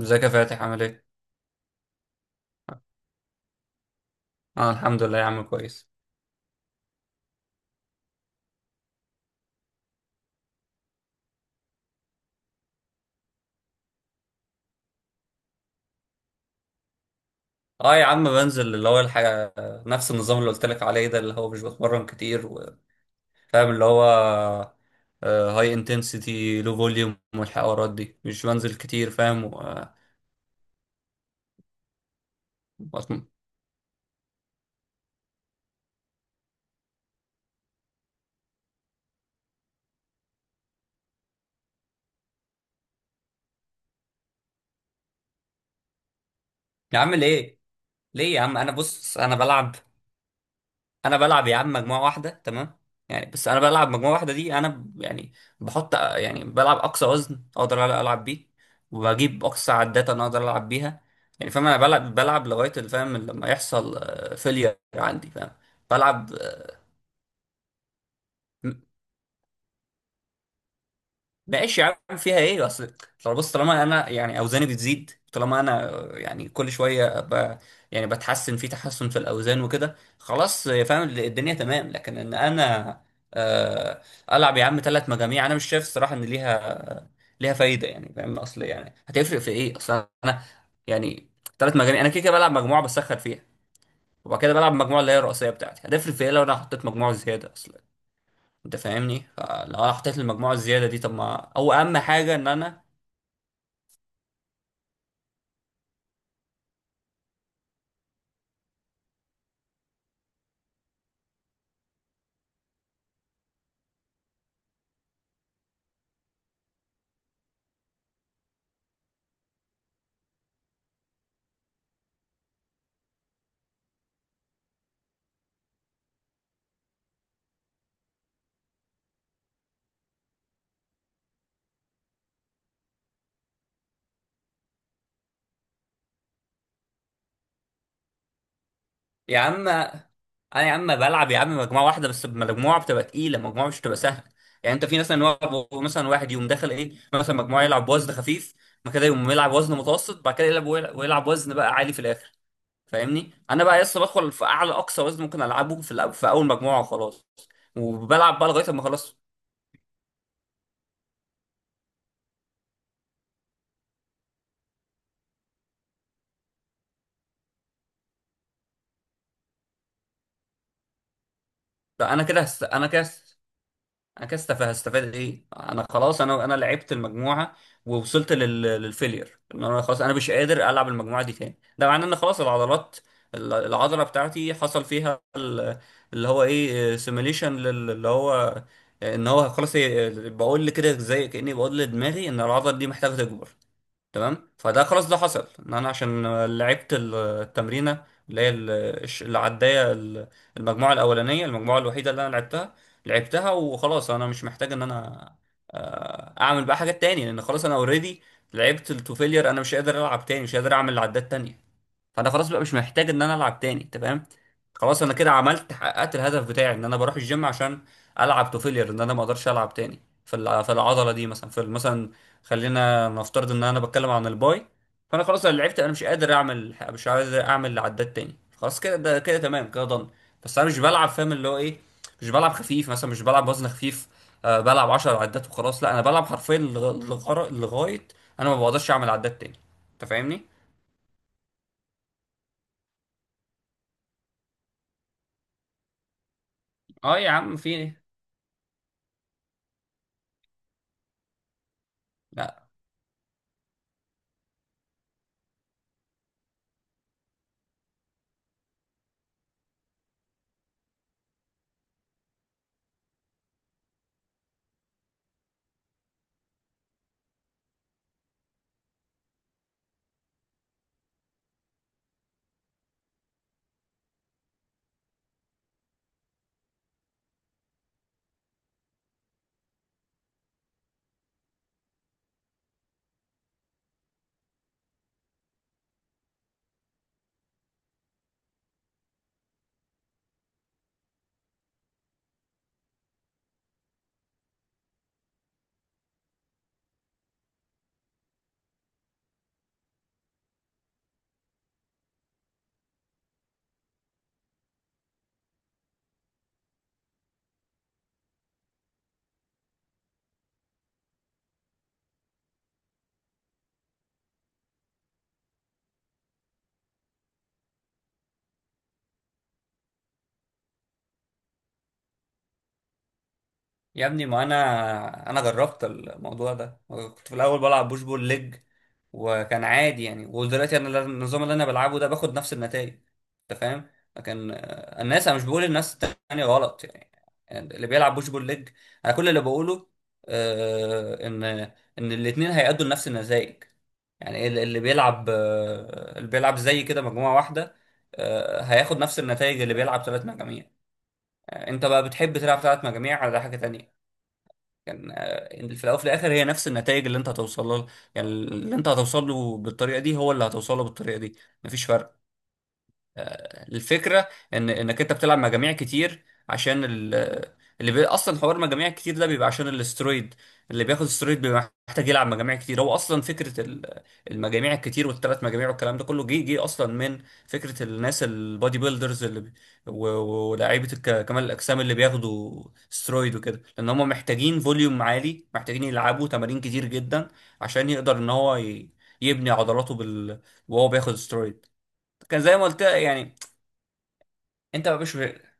ازيك يا فاتح عامل ايه؟ اه، الحمد لله يا عم كويس. اه يا عم بنزل اللي هو الحاجة، نفس النظام اللي قلت لك عليه ده، اللي هو مش بتمرن كتير فاهم اللي هو، هاي انتنسيتي لو فوليوم والحوارات دي مش بنزل كتير فاهم و... آه، بتم- يا عم ليه؟ ليه يا عم، انا بص انا بلعب، انا بلعب يا عم مجموعه واحده تمام، يعني بس انا بلعب مجموعه واحده دي انا يعني بحط يعني بلعب اقصى وزن اقدر العب بيه، وبجيب اقصى عدات انا اقدر العب بيها. يعني فاهم انا بلعب لغايه اللي فاهم لما يحصل فيلير عندي، فاهم. بلعب، ماشي يا عم، فيها ايه؟ اصل طالما بص، طالما انا يعني اوزاني بتزيد، طالما انا يعني كل شويه يعني بتحسن، في تحسن في الاوزان وكده، خلاص فاهم الدنيا تمام. لكن ان انا آه، العب يا عم ثلاث مجاميع، انا مش شايف الصراحه ان ليها فايده، يعني فاهم اصل، يعني هتفرق في ايه؟ اصل انا يعني ثلاث مجاميع انا كده كده بلعب مجموعه بسخن فيها، وبعد كده بلعب المجموعه اللي هي الرئيسيه بتاعتي، هتفرق في ايه لو انا حطيت مجموعه زياده؟ اصل انت فاهمني، فلو انا حطيت المجموعه الزياده دي، طب ما او اهم حاجه ان انا يا عم، انا يا عم بلعب يا عم مجموعه واحده، بس مجموعه بتبقى تقيله، مجموعه مش بتبقى سهله. يعني انت في مثلا واحد، مثلا واحد يقوم داخل ايه، مثلا مجموعه يلعب وزن خفيف، بعد كده يقوم يلعب وزن متوسط، بعد كده يلعب ويلعب وزن بقى عالي في الاخر. فاهمني، انا بقى لسه بدخل في اعلى اقصى وزن ممكن العبه في في اول مجموعه وخلاص. وبلعب بقى لغايه ما خلاص، ده انا كده انا كده انا كده هستفاد ايه؟ انا خلاص، انا لعبت المجموعه ووصلت للفيلير، ان انا خلاص انا مش قادر العب المجموعه دي تاني. ده معناه ان خلاص العضلات، العضله بتاعتي حصل فيها اللي هو ايه، سيميليشن اللي هو، ان هو خلاص بقول لي كده، زي كاني بقول لدماغي ان العضله دي محتاجه تكبر، تمام. فده خلاص ده حصل، ان انا عشان لعبت التمرينه اللي هي الش- اللي عدايه ال- المجموعه الاولانيه، المجموعه الوحيده اللي انا لعبتها، لعبتها وخلاص. انا مش محتاج ان انا اعمل بقى حاجات تاني، لان خلاص انا اوريدي لعبت التو فيلير، انا مش قادر العب تاني، مش قادر اعمل عدات تانية. فانا خلاص بقى مش محتاج ان انا العب تاني، تمام. خلاص انا كده عملت، حققت الهدف بتاعي ان انا بروح الجيم عشان العب تو فيلير، ان انا ما اقدرش العب تاني في في العضله دي، مثلا في مثلا خلينا نفترض ان انا بتكلم عن الباي، فانا خلاص انا لعبت، انا مش قادر اعمل، مش عايز اعمل عدات تاني، خلاص كده، ده كده تمام، كده ضن. بس انا مش بلعب، فاهم اللي هو ايه، مش بلعب خفيف مثلا، مش بلعب وزن خفيف، أه بلعب 10 عدات وخلاص، لا انا بلعب حرفيا لغايه انا ما بقدرش اعمل عدات تاني، انت فاهمني. اه يا عم، في ايه؟ لا، يا ابني ما انا جربت الموضوع ده، كنت في الاول بلعب بوش بول ليج، وكان عادي يعني. ودلوقتي انا النظام اللي انا بلعبه ده باخد نفس النتائج، انت فاهم، لكن الناس، انا مش بقول الناس التانية غلط، يعني يعني اللي بيلعب بوش بول ليج، انا كل اللي بقوله آه، ان ان الاتنين هيأدوا لنفس النتائج. يعني اللي بيلعب زي كده مجموعة واحدة، هياخد نفس النتائج اللي بيلعب ثلاث مجاميع، انت بقى بتحب تلعب ثلاث مجاميع على حاجة تانية، كان في الاول وفي الاخر هي نفس النتائج اللي انت هتوصل له. يعني اللي انت هتوصل له بالطريقه دي هو اللي هتوصل له بالطريقه دي، مفيش فرق. الفكره ان انك انت بتلعب مجاميع كتير عشان اصلا حوار مجاميع كتير ده بيبقى عشان الاسترويد. اللي بياخد استرويد بيبقى محتاج يلعب مجاميع كتير. هو اصلا فكره المجاميع الكتير والثلاث مجاميع والكلام ده كله جه اصلا من فكره الناس البادي بيلدرز اللي بي... و... و- ولاعيبه كمال الاجسام اللي بياخدوا استرويد وكده، لان هم محتاجين فوليوم عالي، محتاجين يلعبوا تمارين كتير جدا عشان يقدر ان هو يبني عضلاته وهو بياخد استرويد، كان زي ما قلت يعني. انت ما بش يا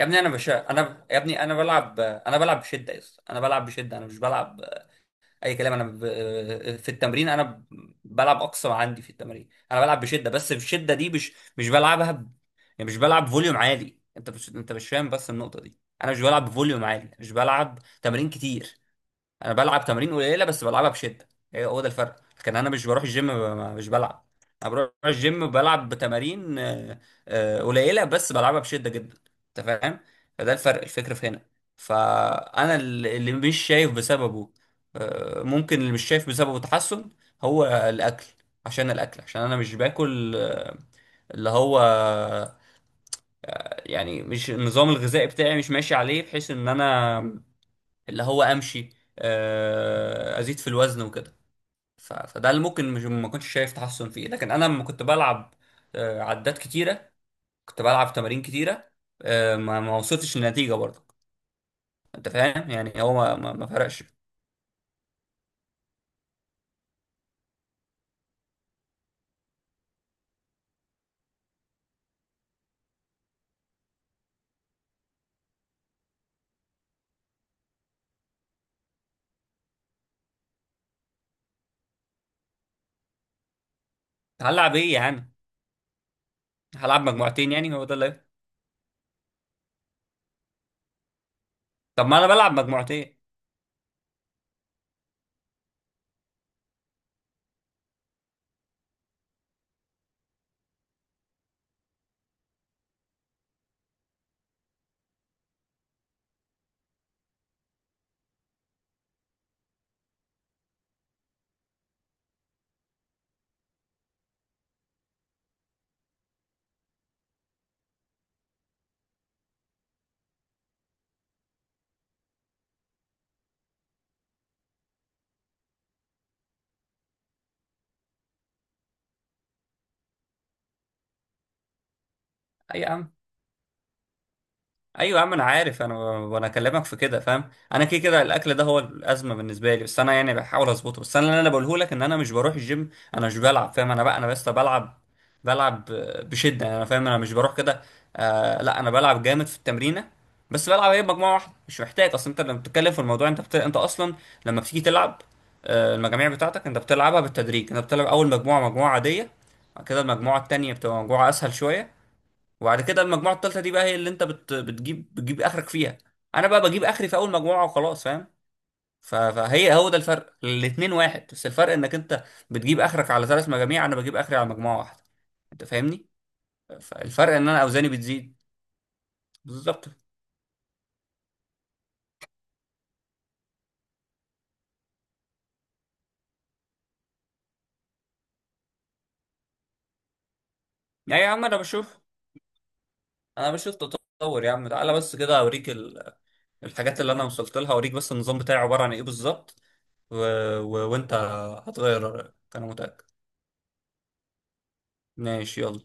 ابني انا بش انا ب... يا ابني انا بلعب، انا بشده، يا اسطى انا بلعب بشده، انا مش بلعب اي كلام، انا ب... في التمرين انا ب... بلعب اقصى ما عندي في التمرين، انا بلعب بشده، بس الشده دي مش بلعبها يعني مش بلعب فوليوم عالي، انت مش فاهم بس النقطه دي، انا مش بلعب بفوليوم عالي، مش بلعب تمارين كتير، انا بلعب تمارين قليله بس بلعبها بشده. هي هو ده الفرق، لكن انا مش بروح الجيم مش بلعب، انا بروح الجيم بلعب بتمارين قليله بس بلعبها بشده جدا، انت فاهم. فده الفرق الفكر في هنا. فانا اللي مش شايف بسببه ممكن اللي مش شايف بسببه تحسن هو الاكل، عشان الاكل، عشان انا مش باكل، آه، اللي هو يعني مش النظام الغذائي بتاعي مش ماشي عليه، بحيث ان انا اللي هو امشي، ازيد في الوزن وكده. فده اللي ممكن مش، ما كنتش شايف تحسن فيه. لكن انا لما كنت بلعب، عدات كتيره، كنت بلعب تمارين كتيره، ما وصلتش للنتيجه برضه، انت فاهم، يعني هو ما فرقش. هلعب ايه يعني؟ هلعب مجموعتين يعني، هو ده اللي، طب ما انا بلعب مجموعتين. اي يا عم، ايوه يا عم انا عارف، انا وانا اكلمك في كده فاهم، انا كده كده الاكل ده هو الازمه بالنسبه لي، بس انا يعني بحاول اظبطه. بس انا اللي انا بقوله لك ان انا مش بروح الجيم، انا مش بلعب، فاهم، انا بقى انا بس بلعب، بلعب بشده يعني، انا فاهم، انا مش بروح كده. آه لا، انا بلعب جامد في التمرينه، بس بلعب ايه، مجموعه واحده، مش محتاج. اصلا انت لما بتتكلم في الموضوع انت انت اصلا لما بتيجي تلعب آه المجاميع بتاعتك، انت بتلعبها بالتدريج، انت بتلعب اول مجموعه مجموعه عاديه، بعد كده المجموعه التانيه بتبقى مجموعه اسهل شويه، وبعد كده المجموعه الثالثه دي بقى هي اللي انت بت... بتجيب بتجيب اخرك فيها. انا بقى بجيب اخري في اول مجموعه وخلاص، فاهم، فهي هو ده الفرق الاتنين، واحد بس الفرق انك انت بتجيب اخرك على ثلاث مجاميع، انا بجيب اخري على مجموعه واحده، انت فاهمني. فالفرق ان انا اوزاني بتزيد، بالظبط. يعني يا عم انا بشوف، انا بشوف تطور يا عم، تعالى بس كده اوريك الحاجات اللي انا وصلت لها، اوريك بس النظام بتاعي عباره عن ايه بالظبط، و... وانت هتغير رايك، انا متاكد. ماشي يلا.